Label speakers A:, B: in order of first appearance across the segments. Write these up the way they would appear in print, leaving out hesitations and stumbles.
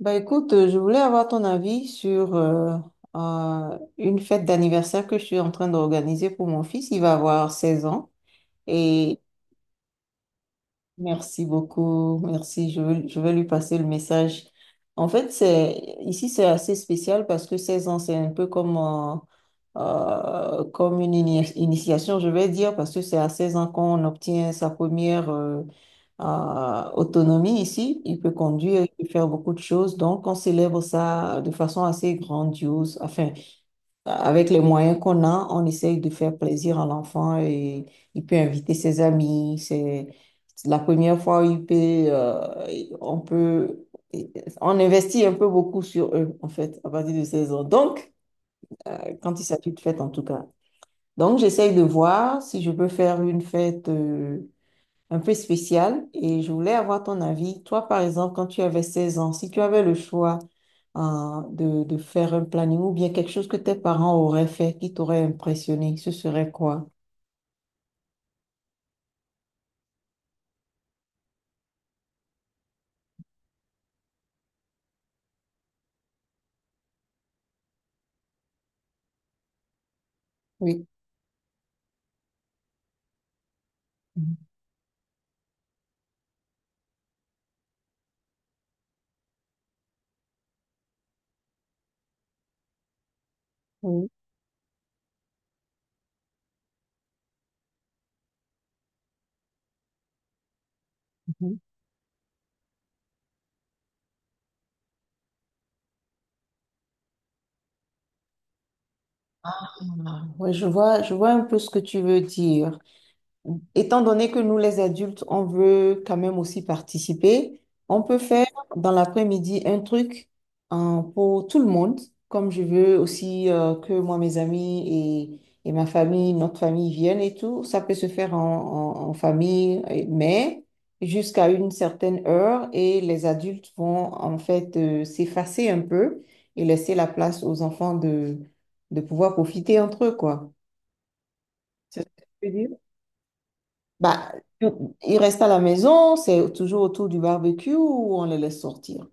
A: Bah écoute, je voulais avoir ton avis sur une fête d'anniversaire que je suis en train d'organiser pour mon fils. Il va avoir 16 ans et. Merci beaucoup, merci. Je vais lui passer le message. En fait, c'est ici, c'est assez spécial parce que 16 ans, c'est un peu comme une initiation, je vais dire, parce que c'est à 16 ans qu'on obtient sa première autonomie ici. Il peut conduire, il peut faire beaucoup de choses. Donc, on célèbre ça de façon assez grandiose. Enfin, avec les moyens qu'on a, on essaye de faire plaisir à l'enfant et il peut inviter ses amis. C'est la première fois où il peut, on peut, on investit un peu beaucoup sur eux, en fait, à partir de 16 ans. Donc, quand il s'agit de fête, en tout cas. Donc, j'essaye de voir si je peux faire une fête un peu spécial et je voulais avoir ton avis. Toi, par exemple, quand tu avais 16 ans, si tu avais le choix, hein, de faire un planning ou bien quelque chose que tes parents auraient fait qui t'aurait impressionné, ce serait quoi? Oui. Mhm. Oui. Mhm. Ah, ouais, je vois un peu ce que tu veux dire. Étant donné que nous, les adultes, on veut quand même aussi participer, on peut faire dans l'après-midi un truc, hein, pour tout le monde, comme je veux aussi que moi, mes amis et ma famille, notre famille viennent et tout. Ça peut se faire en famille, mais jusqu'à une certaine heure et les adultes vont en fait s'effacer un peu et laisser la place aux enfants de pouvoir profiter entre eux, quoi. C'est ce que je veux dire. Bah, ils restent à la maison, c'est toujours autour du barbecue ou on les laisse sortir?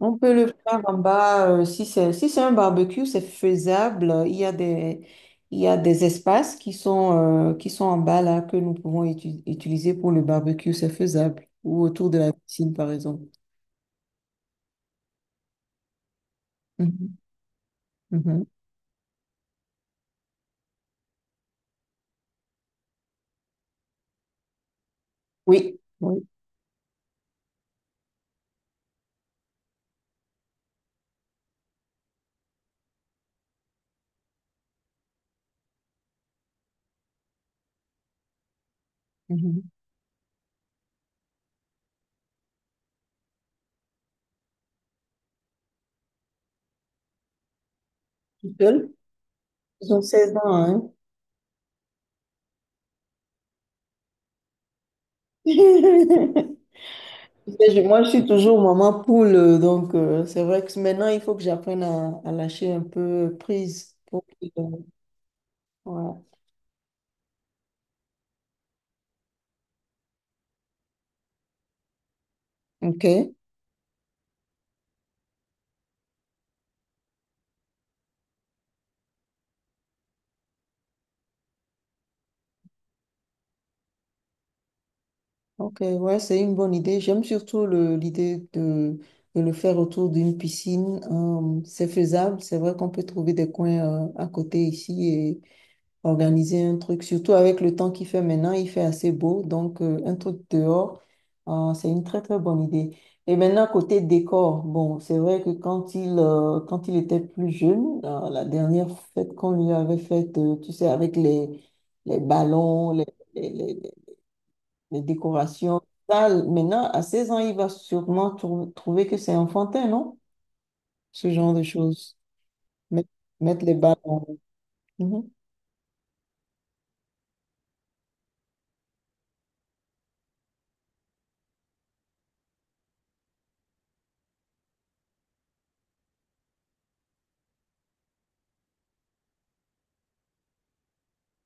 A: On peut le faire en bas, si c'est un barbecue, c'est faisable. Il y a des espaces qui sont en bas là que nous pouvons utiliser pour le barbecue, c'est faisable. Ou autour de la piscine, par exemple. Mhm, mhm. Oui, oui. Mhm. Tout seul? Ils ont 16 ans, hein? Tu sais, moi, je suis toujours maman poule, donc c'est vrai que maintenant, il faut que j'apprenne à lâcher un peu prise. Pour que, voilà. Ok, ok, ouais, c'est une bonne idée. J'aime surtout l'idée de le faire autour d'une piscine. C'est faisable, c'est vrai qu'on peut trouver des coins à côté ici, organiser un truc, surtout avec le temps qu'il fait maintenant, il fait assez beau, donc un truc dehors, c'est une très très bonne idée. Et maintenant, côté décor, bon, c'est vrai que quand il était plus jeune, la dernière fête qu'on lui avait faite, tu sais, avec les ballons, les, les- les décorations, ça, maintenant, à 16 ans, il va sûrement trouver que c'est enfantin, non? Ce genre de choses. Mettre, mettre les ballons. Mhm.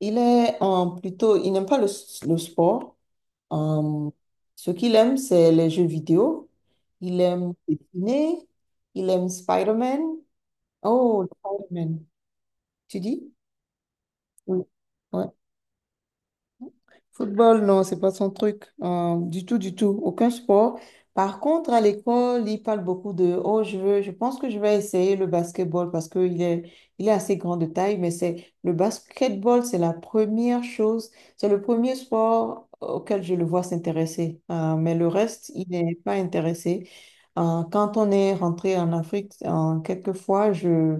A: Il est en plutôt, il n'aime pas le sport. Euh, Ce qu'il aime, c'est les jeux vidéo. Il aime dessiner. Il aime Spider-Man. Oh, Spider-Man. Tu dis? Oui. Ouais. Football, non, c'est pas son truc. Du tout, du tout. Aucun sport. Par contre, à l'école, il parle beaucoup de, oh, je pense que je vais essayer le basketball parce qu'il est assez grand de taille, mais c'est le basketball, c'est la première chose, c'est le premier sport auquel je le vois s'intéresser. Mais le reste, il n'est pas intéressé. Quand on est rentré en Afrique, quelquefois, je,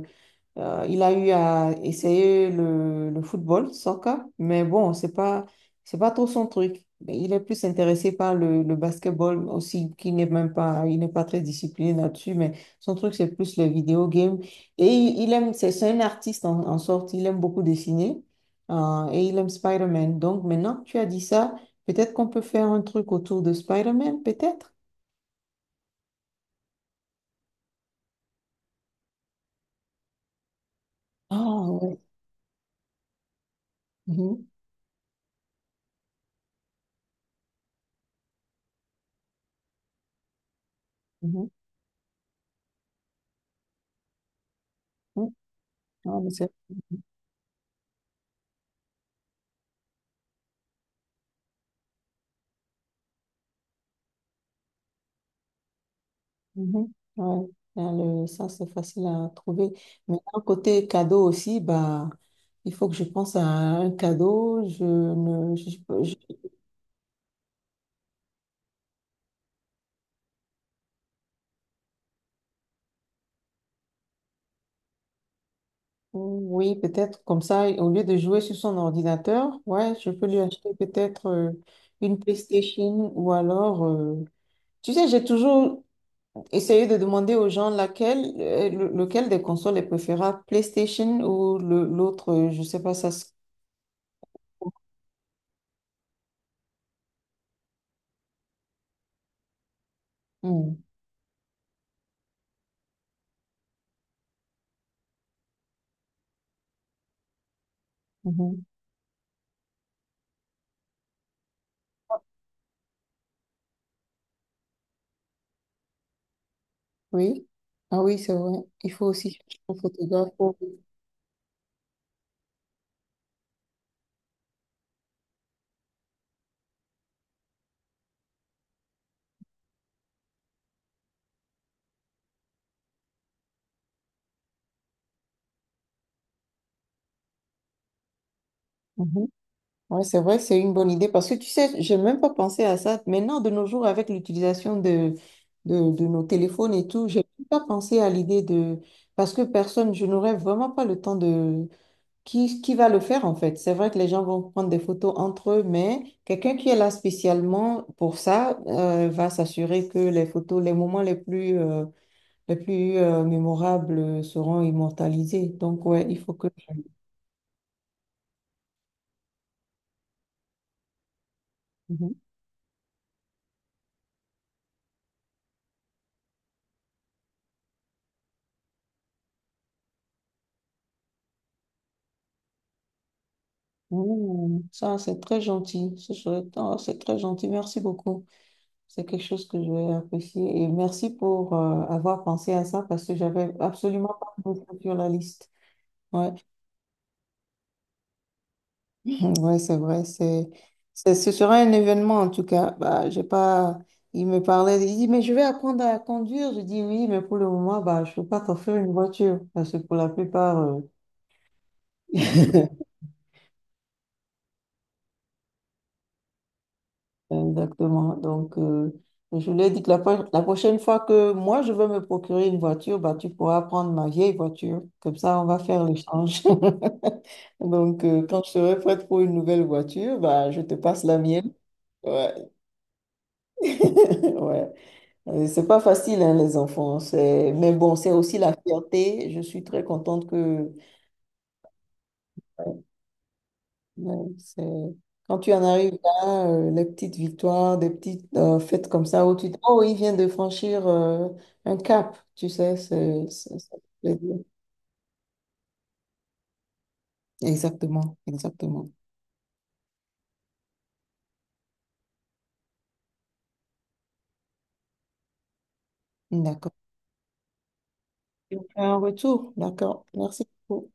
A: euh, il a eu à essayer le football, soccer, mais bon, c'est pas trop son truc. Mais il est plus intéressé par le basketball aussi, qui n'est même pas, il n'est pas très discipliné là-dessus, mais son truc, c'est plus les vidéo games. Et il aime, c'est un artiste en sorte, il aime beaucoup dessiner, et il aime Spider-Man. Donc maintenant que tu as dit ça, peut-être qu'on peut faire un truc autour de Spider-Man, peut-être? Ah, ouais. Mhm, mhm, mhm. Ah, mais c'est. Mhm. Ouais. Là, ça, c'est facile à trouver. Mais un côté cadeau aussi, bah, il faut que je pense à un cadeau. Je ne, je- oui, peut-être comme ça, au lieu de jouer sur son ordinateur, ouais, je peux lui acheter peut-être une PlayStation ou alors, tu sais, j'ai toujours essayé de demander aux gens lequel des consoles est préférable, PlayStation ou l'autre, je sais pas ça. Se- hmm. Mhm. Oui. Ah, oui, c'est vrai. Il faut aussi chercher un photographe. Pour-. Mhm. Ouais, c'est vrai, c'est une bonne idée parce que tu sais, j'ai même pas pensé à ça. Maintenant, de nos jours, avec l'utilisation de nos téléphones et tout, j'ai même pas pensé à l'idée de. Parce que personne, je n'aurais vraiment pas le temps de. Qui va le faire en fait? C'est vrai que les gens vont prendre des photos entre eux, mais quelqu'un qui est là spécialement pour ça va s'assurer que les photos, les moments les plus mémorables seront immortalisés. Donc, ouais, il faut que. Je-. Mhm. Ouh, ça, c'est très gentil. Oh, c'est très gentil. Merci beaucoup. C'est quelque chose que je vais apprécier. Et merci pour avoir pensé à ça parce que j'avais absolument pas pensé sur la liste. Ouais. Ouais, c'est vrai. Ce sera un événement en tout cas. Bah, j'ai pas. Il me parlait. Il dit, mais je vais apprendre à conduire. Je dis oui, mais pour le moment, bah, je peux pas t'offrir une voiture parce que pour la plupart. Exactement. Donc, je lui ai dit que la prochaine fois que moi, je vais me procurer une voiture, bah, tu pourras prendre ma vieille voiture. Comme ça, on va faire l'échange. Donc, quand je serai prête pour une nouvelle voiture, bah, je te passe la mienne. Ouais. Ouais. C'est pas facile, hein, les enfants. C'est. Mais bon, c'est aussi la fierté. Je suis très contente que. Ouais, c'est-. Quand tu en arrives là, les petites victoires, des petites fêtes comme ça où tu dis, oh, il vient de franchir un cap, tu sais, ça fait plaisir. Exactement, exactement. D'accord. Et on fait un retour, d'accord. Merci beaucoup.